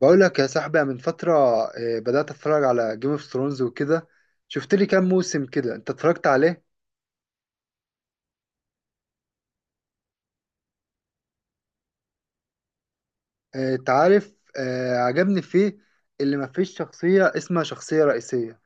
بقول لك يا صاحبي، أنا من فترة بدأت اتفرج على جيم اوف ثرونز وكده. شفت لي كام موسم كده انت اتفرجت عليه؟ انت عارف، عجبني فيه اللي مفيش شخصية اسمها شخصية رئيسية،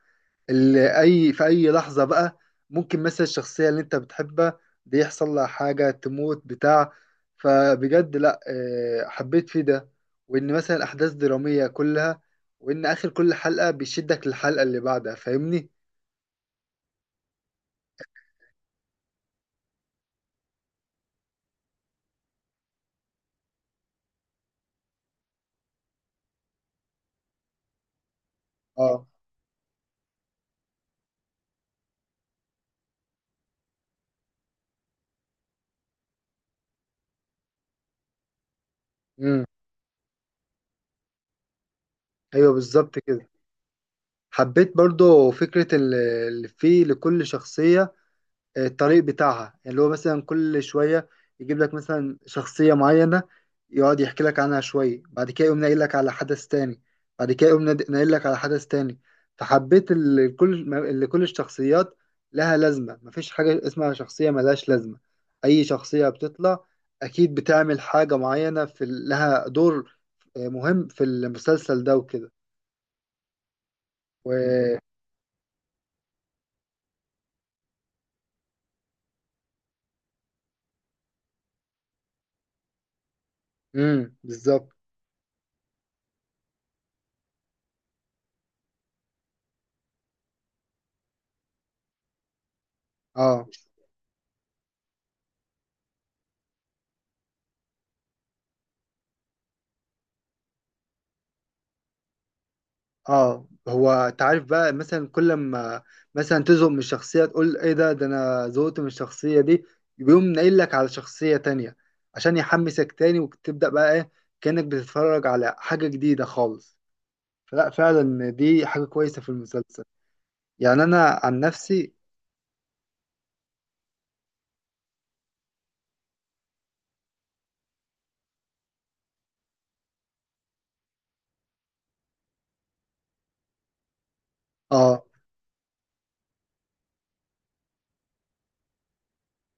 اللي اي في اي لحظة بقى ممكن مثلا الشخصية اللي انت بتحبها دي يحصل لها حاجة تموت بتاع. فبجد لا، حبيت فيه ده، وان مثلا الاحداث درامية كلها، وان اخر كل حلقة بيشدك للحلقة اللي بعدها. فاهمني؟ اه. امم. ايوه، بالظبط كده. حبيت برضو فكرة اللي فيه لكل شخصية الطريق بتاعها، يعني اللي هو مثلا كل شوية يجيب لك مثلا شخصية معينة، يقعد يحكي لك عنها شوية، بعد كده يقوم ناقل لك على حدث تاني، بعد كده يقوم ناقل لك على حدث تاني. فحبيت اللي كل الشخصيات لها لازمة، مفيش حاجة اسمها شخصية ملهاش لازمة. أي شخصية بتطلع أكيد بتعمل حاجة معينة، في لها دور مهم في المسلسل ده وكده. و... مم. بالظبط. اه. اه، هو تعرف بقى مثلا كل ما مثلا تزهق من الشخصية تقول ايه، ده انا زهقت من الشخصية دي، يقوم ناقل لك على شخصية تانية عشان يحمسك تاني، وتبدأ بقى ايه، كأنك بتتفرج على حاجة جديدة خالص. فلا، فعلا دي حاجة كويسة في المسلسل، يعني انا عن نفسي. اه.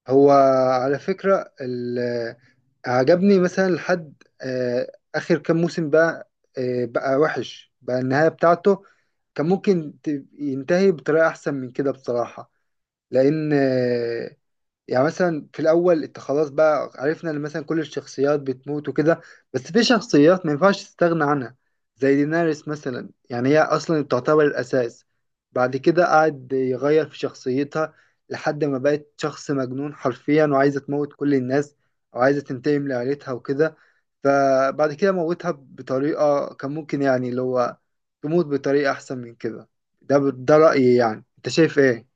هو، على فكرة، عجبني مثلا لحد آخر كام موسم بقى، بقى وحش بقى النهاية بتاعته. كان ممكن ينتهي بطريقة أحسن من كده بصراحة. لأن يعني مثلا في الاول انت خلاص بقى عرفنا ان مثلا كل الشخصيات بتموت وكده، بس في شخصيات ما ينفعش تستغنى عنها، زي ديناريس مثلا، يعني هي اصلا تعتبر الاساس. بعد كده قعد يغير في شخصيتها لحد ما بقت شخص مجنون حرفيا، وعايزه تموت كل الناس، وعايزه تنتقم لعيلتها وكده. فبعد كده موتها بطريقه، كان ممكن يعني اللي هو تموت بطريقه احسن من كده. ده رأيي، يعني انت شايف ايه؟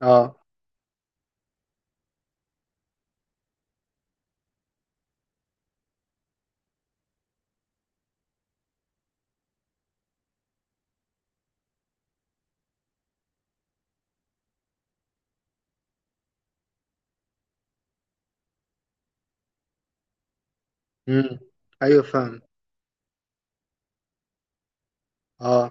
اه. امم. ايوه، فاهم. اه،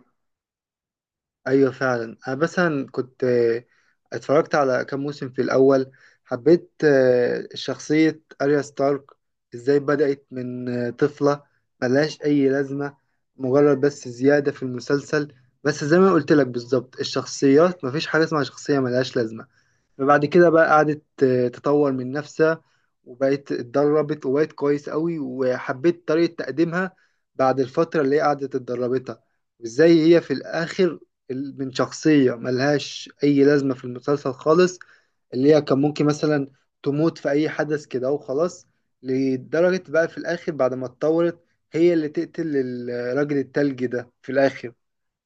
ايوه فعلا. انا مثلا كنت اتفرجت على كام موسم في الاول. حبيت شخصية اريا ستارك، ازاي بدأت من طفلة ملهاش اي لازمة، مجرد بس زيادة في المسلسل، بس زي ما قلت لك بالظبط الشخصيات مفيش حاجة اسمها شخصية ملهاش لازمة. فبعد كده بقى قعدت تطور من نفسها، وبقت اتدربت، وبقت كويس قوي، وحبيت طريقة تقديمها بعد الفترة اللي هي قعدت اتدربتها. وازاي هي في الآخر، من شخصية ملهاش أي لازمة في المسلسل خالص، اللي هي كان ممكن مثلا تموت في أي حدث كده وخلاص، لدرجة بقى في الآخر بعد ما اتطورت هي اللي تقتل الراجل التلجي ده في الآخر.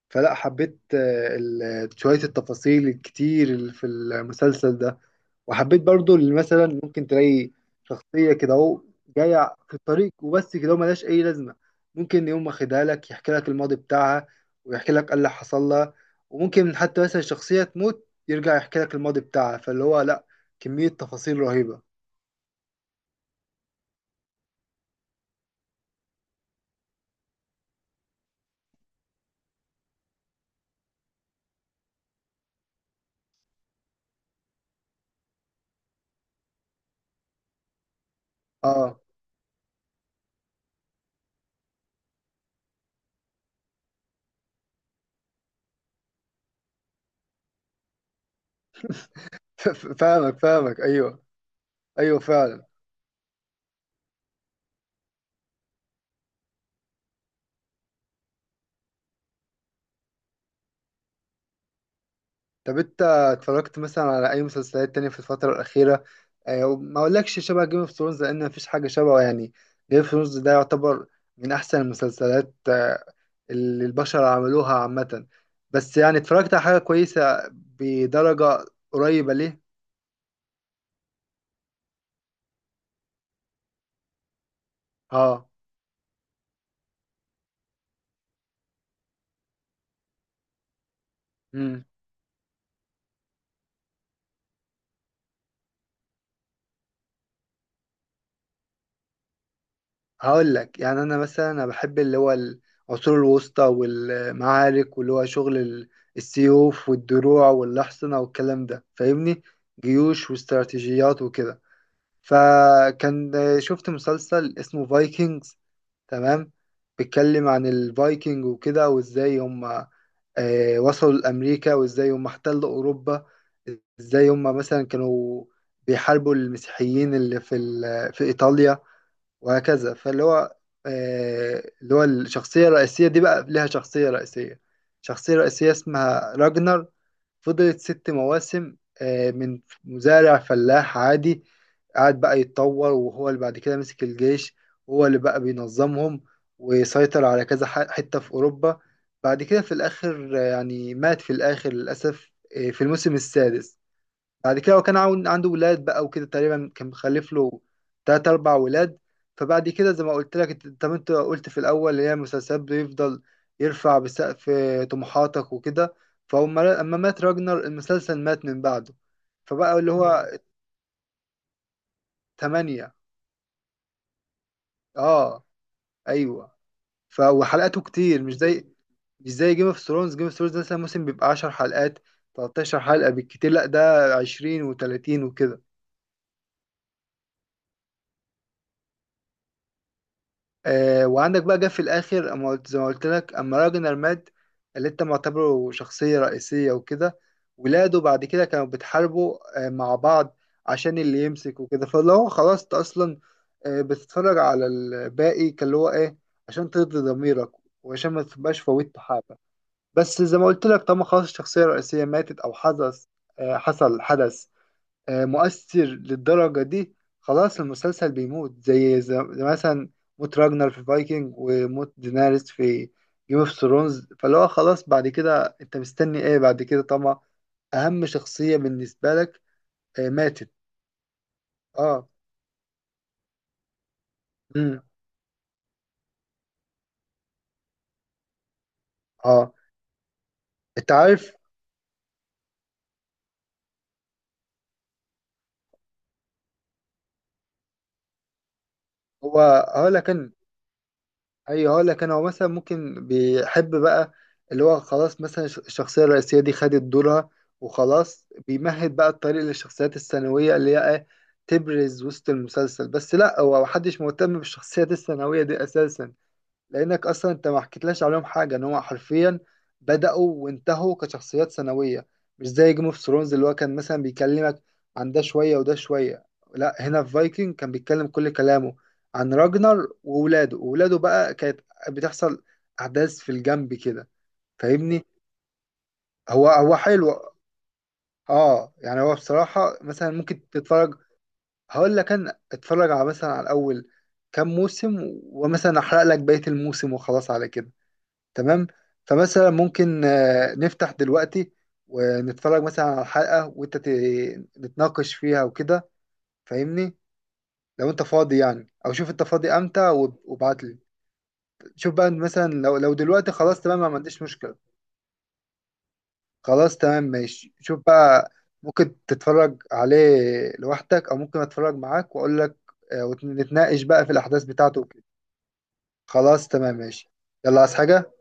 فلا، حبيت شوية التفاصيل الكتير اللي في المسلسل ده، وحبيت برضو اللي مثلا ممكن تلاقي شخصية كده اهو، جاية في الطريق وبس كده اهو، ملهاش أي لازمة، ممكن يقوم واخدها لك يحكي لك الماضي بتاعها، ويحكي لك ايه اللي حصل لها، وممكن حتى مثلا شخصية تموت يرجع يحكي لك الماضي بتاعها. فاللي هو لا، كمية تفاصيل رهيبة. اه. فاهمك فاهمك، ايوه. ايوه فعلا. طب انت اتفرجت مثلا على اي مسلسلات تانية في الفترة الأخيرة؟ اه، ما اقولكش شبه جيم اوف ثرونز لان مفيش حاجة شبهه، يعني جيم اوف ثرونز ده يعتبر من احسن المسلسلات اللي البشر عملوها عامة. بس يعني اتفرجت على حاجة كويسة بدرجة قريبة ليه. اه. امم. هقول لك يعني، انا مثلا انا بحب اللي هو العصور الوسطى والمعارك واللي هو شغل السيوف والدروع والاحصنة والكلام ده، فاهمني؟ جيوش واستراتيجيات وكده. فكان شفت مسلسل اسمه فايكنجز، تمام، بيتكلم عن الفايكنج وكده، وازاي هم وصلوا لأمريكا، وازاي هم احتلوا أوروبا، ازاي هم مثلا كانوا بيحاربوا المسيحيين اللي في إيطاليا، وهكذا. فاللي هو آه، اللي هو الشخصية الرئيسية دي بقى لها شخصية رئيسية شخصية رئيسية اسمها راجنر. فضلت 6 مواسم، من مزارع فلاح عادي، قعد بقى يتطور، وهو اللي بعد كده مسك الجيش، هو اللي بقى بينظمهم، ويسيطر على كذا حتة في أوروبا. بعد كده في الآخر، يعني مات في الآخر للأسف، في الموسم السادس. بعد كده هو كان عنده ولاد بقى وكده، تقريبا كان مخلف له تلات أربع ولاد. فبعد كده زي ما قلت لك، طب انت قلت في الأول اللي هي المسلسلات بيفضل يرفع بسقف طموحاتك وكده، فهم أما مات راجنر المسلسل مات من بعده. فبقى اللي هو 8. اه. أيوه. وحلقاته كتير، مش زي جيم اوف ثرونز. جيم اوف ثرونز مثلا موسم بيبقى 10 حلقات، 13 حلقة بالكتير، لا ده 20 و30 وكده. آه، وعندك بقى جه في الاخر اما قلت، زي ما قلت لك اما راجنر مات، اللي انت معتبره شخصيه رئيسيه وكده، ولاده بعد كده كانوا بيتحاربوا، آه، مع بعض، عشان اللي يمسك وكده. فاللي هو خلاص انت اصلا، آه، بتتفرج على الباقي، كان اللي هو ايه، عشان ترضي ضميرك، وعشان ما تبقاش فوتت حاجه. بس زي ما قلت لك طالما خلاص الشخصيه الرئيسيه ماتت، او حدث، آه، حصل حدث مؤثر للدرجة دي، خلاص المسلسل بيموت، زي مثلا موت راجنر في فايكنج، وموت ديناريس في جيم اوف ثرونز. فاللي هو خلاص بعد كده انت مستني ايه، بعد كده طبعا اهم شخصية بالنسبة لك ماتت. اه. امم. اه. انت عارف. هو، هقول لك. ايوه، هقول لك. انا هو مثلا ممكن بيحب بقى اللي هو خلاص، مثلا الشخصيه الرئيسيه دي خدت دورها، وخلاص بيمهد بقى الطريق للشخصيات الثانويه اللي هي إيه؟ تبرز وسط المسلسل، بس لا، هو محدش مهتم بالشخصيات الثانويه دي اساسا، لانك اصلا انت ما حكيتلاش عليهم حاجه، ان هو حرفيا بداوا وانتهوا كشخصيات ثانويه، مش زي جيم اوف ثرونز اللي هو كان مثلا بيكلمك عن ده شويه وده شويه. لا، هنا في فايكنج كان بيتكلم كل كلامه عن راجنر وولاده بقى كانت بتحصل احداث في الجنب كده. فاهمني؟ هو حلو. اه، يعني هو بصراحه مثلا ممكن تتفرج. هقول لك، انا اتفرج على مثلا على اول كام موسم، ومثلا احرق لك بقيه الموسم وخلاص على كده، تمام. فمثلا ممكن نفتح دلوقتي ونتفرج مثلا على حلقة، وانت نتناقش فيها وكده، فاهمني؟ لو انت فاضي يعني، او شوف انت فاضي امتى وابعت لي. شوف بقى مثلا، لو دلوقتي خلاص، تمام، ما عنديش مشكلة. خلاص تمام ماشي. شوف بقى، ممكن تتفرج عليه لوحدك، او ممكن اتفرج معاك واقول لك، ونتناقش بقى في الاحداث بتاعته وكده. خلاص تمام ماشي. يلا، عايز حاجة؟